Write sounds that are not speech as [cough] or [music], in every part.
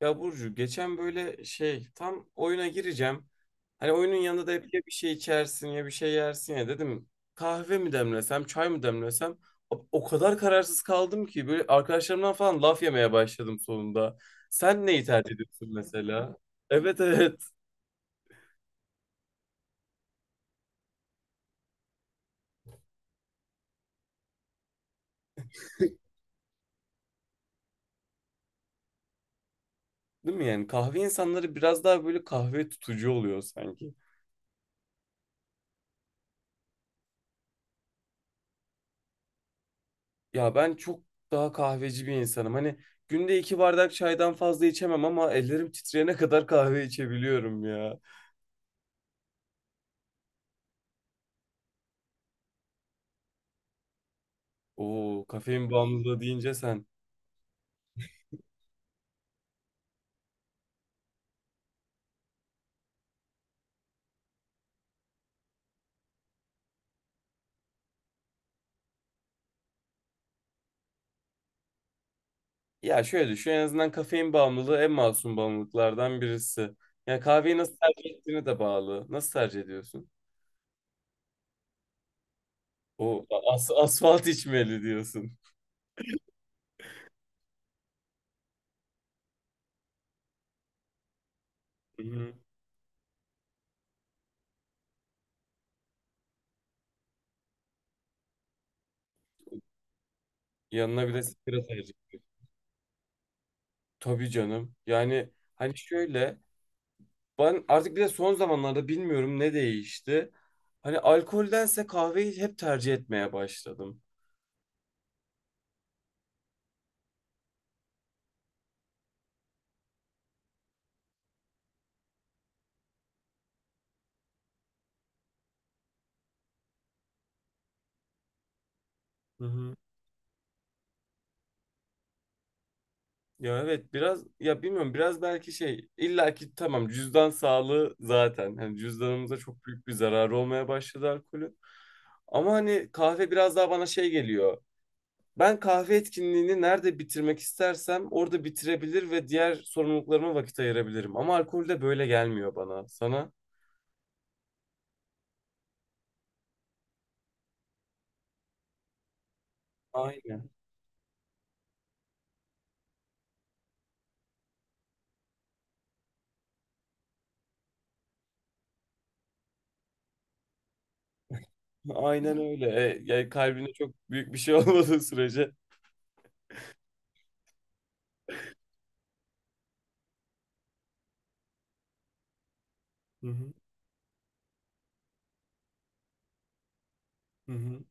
Ya Burcu geçen böyle şey tam oyuna gireceğim. Hani oyunun yanında da hep ya bir şey içersin ya bir şey yersin ya dedim. Kahve mi demlesem çay mı demlesem o kadar kararsız kaldım ki böyle arkadaşlarımdan falan laf yemeye başladım sonunda. Sen neyi tercih ediyorsun mesela? Evet evet. [laughs] Değil mi yani kahve insanları biraz daha böyle kahve tutucu oluyor sanki. Ya ben çok daha kahveci bir insanım. Hani günde 2 bardak çaydan fazla içemem ama ellerim titreyene kadar kahve içebiliyorum ya. Oo, kafein bağımlılığı deyince sen. Ya şöyle düşün en azından kafein bağımlılığı en masum bağımlılıklardan birisi. Yani kahveyi nasıl tercih ettiğine de bağlı. Nasıl tercih ediyorsun? O asfalt içmeli diyorsun. Hı hı. Yanına bir de sigara tercih ediyorsun. Tabii canım. Yani hani şöyle. Ben artık bir de son zamanlarda bilmiyorum ne değişti. Hani alkoldense kahveyi hep tercih etmeye başladım. Hı hı. Ya evet biraz ya bilmiyorum biraz belki şey illaki tamam cüzdan sağlığı zaten hani cüzdanımıza çok büyük bir zararı olmaya başladı alkolün. Ama hani kahve biraz daha bana şey geliyor. Ben kahve etkinliğini nerede bitirmek istersem orada bitirebilir ve diğer sorumluluklarıma vakit ayırabilirim. Ama alkolde böyle gelmiyor bana. Sana? Aynen. Aynen öyle. E, yani kalbine çok büyük bir şey [laughs] olmadığı sürece. Hı hı. Hı hı.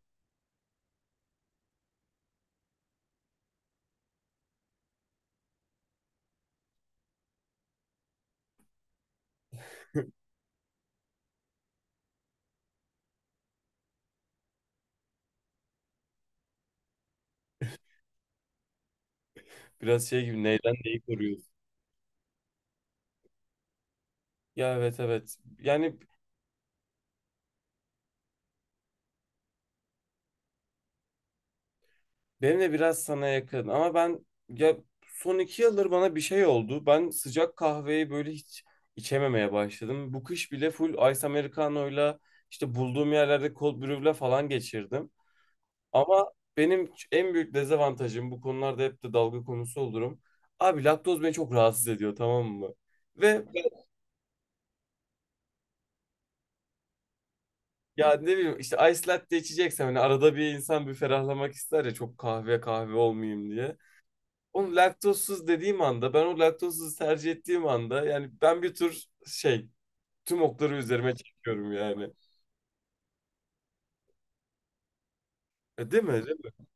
[laughs] biraz şey gibi neyden neyi koruyoruz. Ya evet evet. Yani benim de biraz sana yakın ama ben ya son 2 yıldır bana bir şey oldu. Ben sıcak kahveyi böyle hiç içememeye başladım. Bu kış bile full Ice Americano'yla işte bulduğum yerlerde cold brew'le falan geçirdim. Ama benim en büyük dezavantajım bu konularda hep de dalga konusu olurum. Abi laktoz beni çok rahatsız ediyor tamam mı? Ve ya ne bileyim işte ice latte içeceksem hani arada bir insan bir ferahlamak ister ya çok kahve kahve olmayayım diye. Onu laktozsuz dediğim anda ben o laktozsuz tercih ettiğim anda yani ben bir tür şey tüm okları üzerime çekiyorum yani. E, değil mi? Değil mi?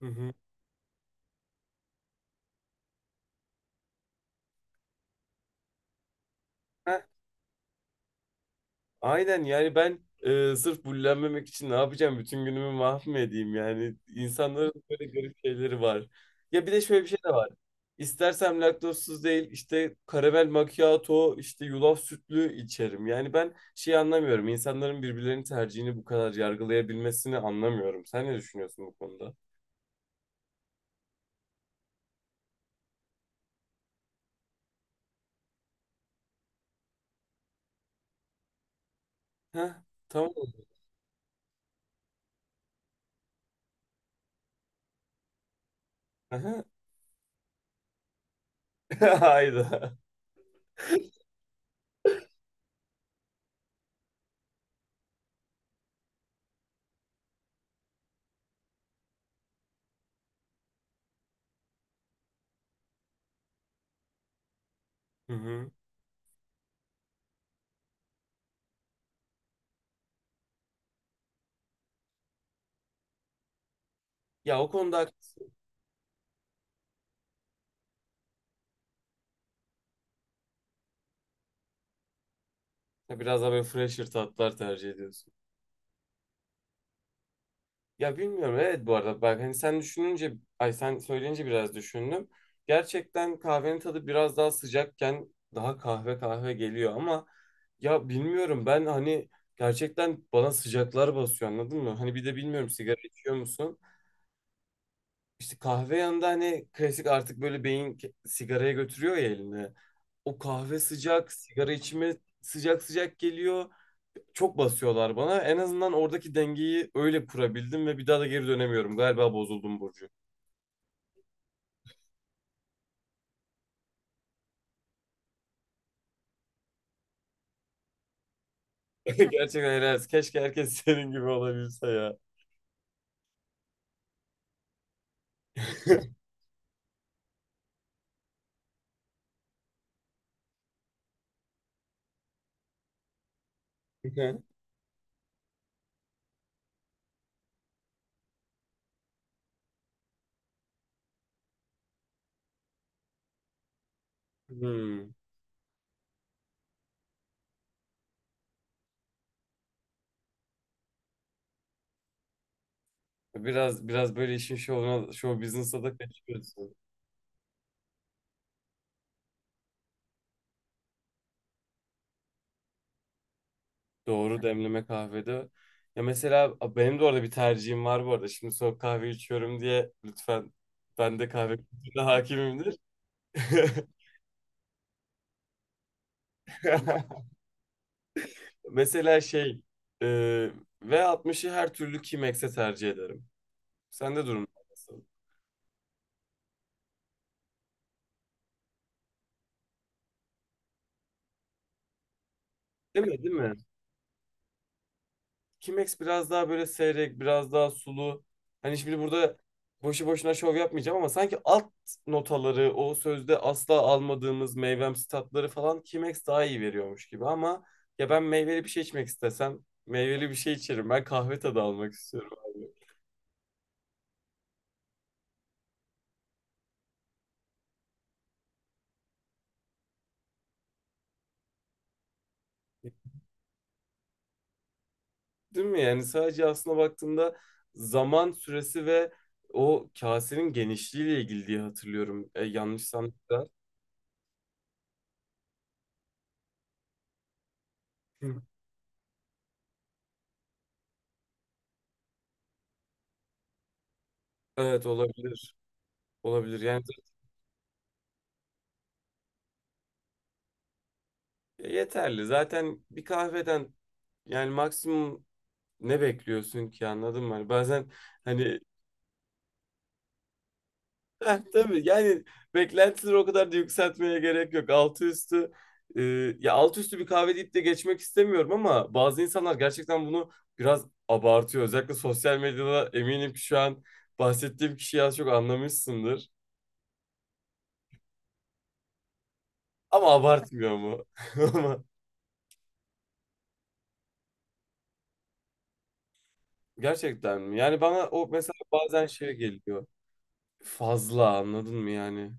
Hı hı. Aynen yani ben sırf bullenmemek için ne yapacağım? Bütün günümü mahvedeyim yani. İnsanların böyle garip şeyleri var. Ya bir de şöyle bir şey de var. İstersem laktozsuz değil işte karamel macchiato işte yulaf sütlü içerim. Yani ben şey anlamıyorum. İnsanların birbirlerinin tercihini bu kadar yargılayabilmesini anlamıyorum. Sen ne düşünüyorsun bu konuda? Heh, tamam. Aha. [laughs] Hayda. Hı hı. Ya o konuda haklısın. Ya biraz daha böyle fresher tatlar tercih ediyorsun. Ya bilmiyorum evet bu arada bak hani sen düşününce ay sen söyleyince biraz düşündüm. Gerçekten kahvenin tadı biraz daha sıcakken daha kahve kahve geliyor ama ya bilmiyorum ben hani gerçekten bana sıcaklar basıyor anladın mı? Hani bir de bilmiyorum sigara içiyor musun? İşte kahve yanında hani klasik artık böyle sigaraya götürüyor ya elini. O kahve sıcak, sigara içme sıcak sıcak geliyor çok basıyorlar bana. En azından oradaki dengeyi öyle kurabildim ve bir daha da geri dönemiyorum. Galiba bozuldum Burcu. [laughs] Gerçekten helal olsun. Keşke herkes [laughs] senin gibi olabilse ya. [laughs] Hmm. Biraz böyle işin şovuna, show business'a da kaçıyorsun. Doğru demleme kahvede. Ya mesela benim de orada bir tercihim var bu arada. Şimdi soğuk kahve içiyorum diye lütfen ben de kahve kültürüne hakimimdir. [laughs] Mesela şey e, V60'ı her türlü Chemex'e tercih ederim. Sende durum nasıl? Değil mi? Değil mi? Kimex biraz daha böyle seyrek, biraz daha sulu. Hani şimdi burada boşu boşuna şov yapmayacağım ama sanki alt notaları, o sözde asla almadığımız meyvemsi tatları falan Kimex daha iyi veriyormuş gibi ama ya ben meyveli bir şey içmek istesem meyveli bir şey içerim. Ben kahve tadı almak istiyorum abi. Değil mi? Yani sadece aslında baktığımda zaman süresi ve o kasenin genişliğiyle ilgili diye hatırlıyorum. E, yanlışsam da. Hı. Evet olabilir. Olabilir yani yeterli. Zaten bir kahveden yani maksimum ne bekliyorsun ki anladın mı? Hani bazen hani [laughs] heh, tabii yani beklentileri o kadar da yükseltmeye gerek yok. E, altı üstü bir kahve deyip de geçmek istemiyorum ama bazı insanlar gerçekten bunu biraz abartıyor. Özellikle sosyal medyada eminim ki şu an bahsettiğim kişiyi az çok anlamışsındır. Ama abartmıyor mu? [laughs] Ama gerçekten mi? Yani bana o mesela bazen şey geliyor. Fazla anladın mı yani?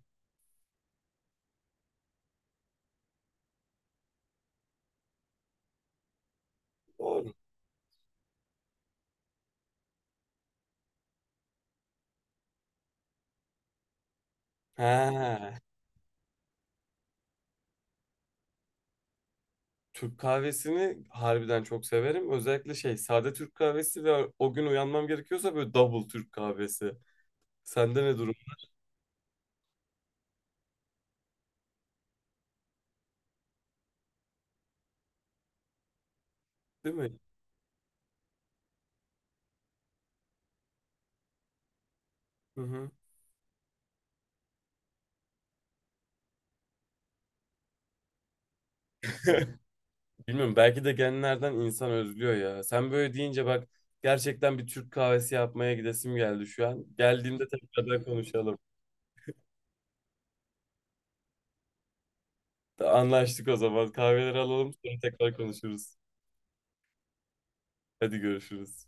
Yani He. Türk kahvesini harbiden çok severim. Özellikle şey sade Türk kahvesi ve o gün uyanmam gerekiyorsa böyle double Türk kahvesi. Sende ne durum değil mi? Hı hı. [laughs] Bilmiyorum belki de genlerden insan özlüyor ya. Sen böyle deyince bak gerçekten bir Türk kahvesi yapmaya gidesim geldi şu an. Geldiğimde tekrardan konuşalım. Anlaştık o zaman. Kahveleri alalım sonra tekrar konuşuruz. Hadi görüşürüz.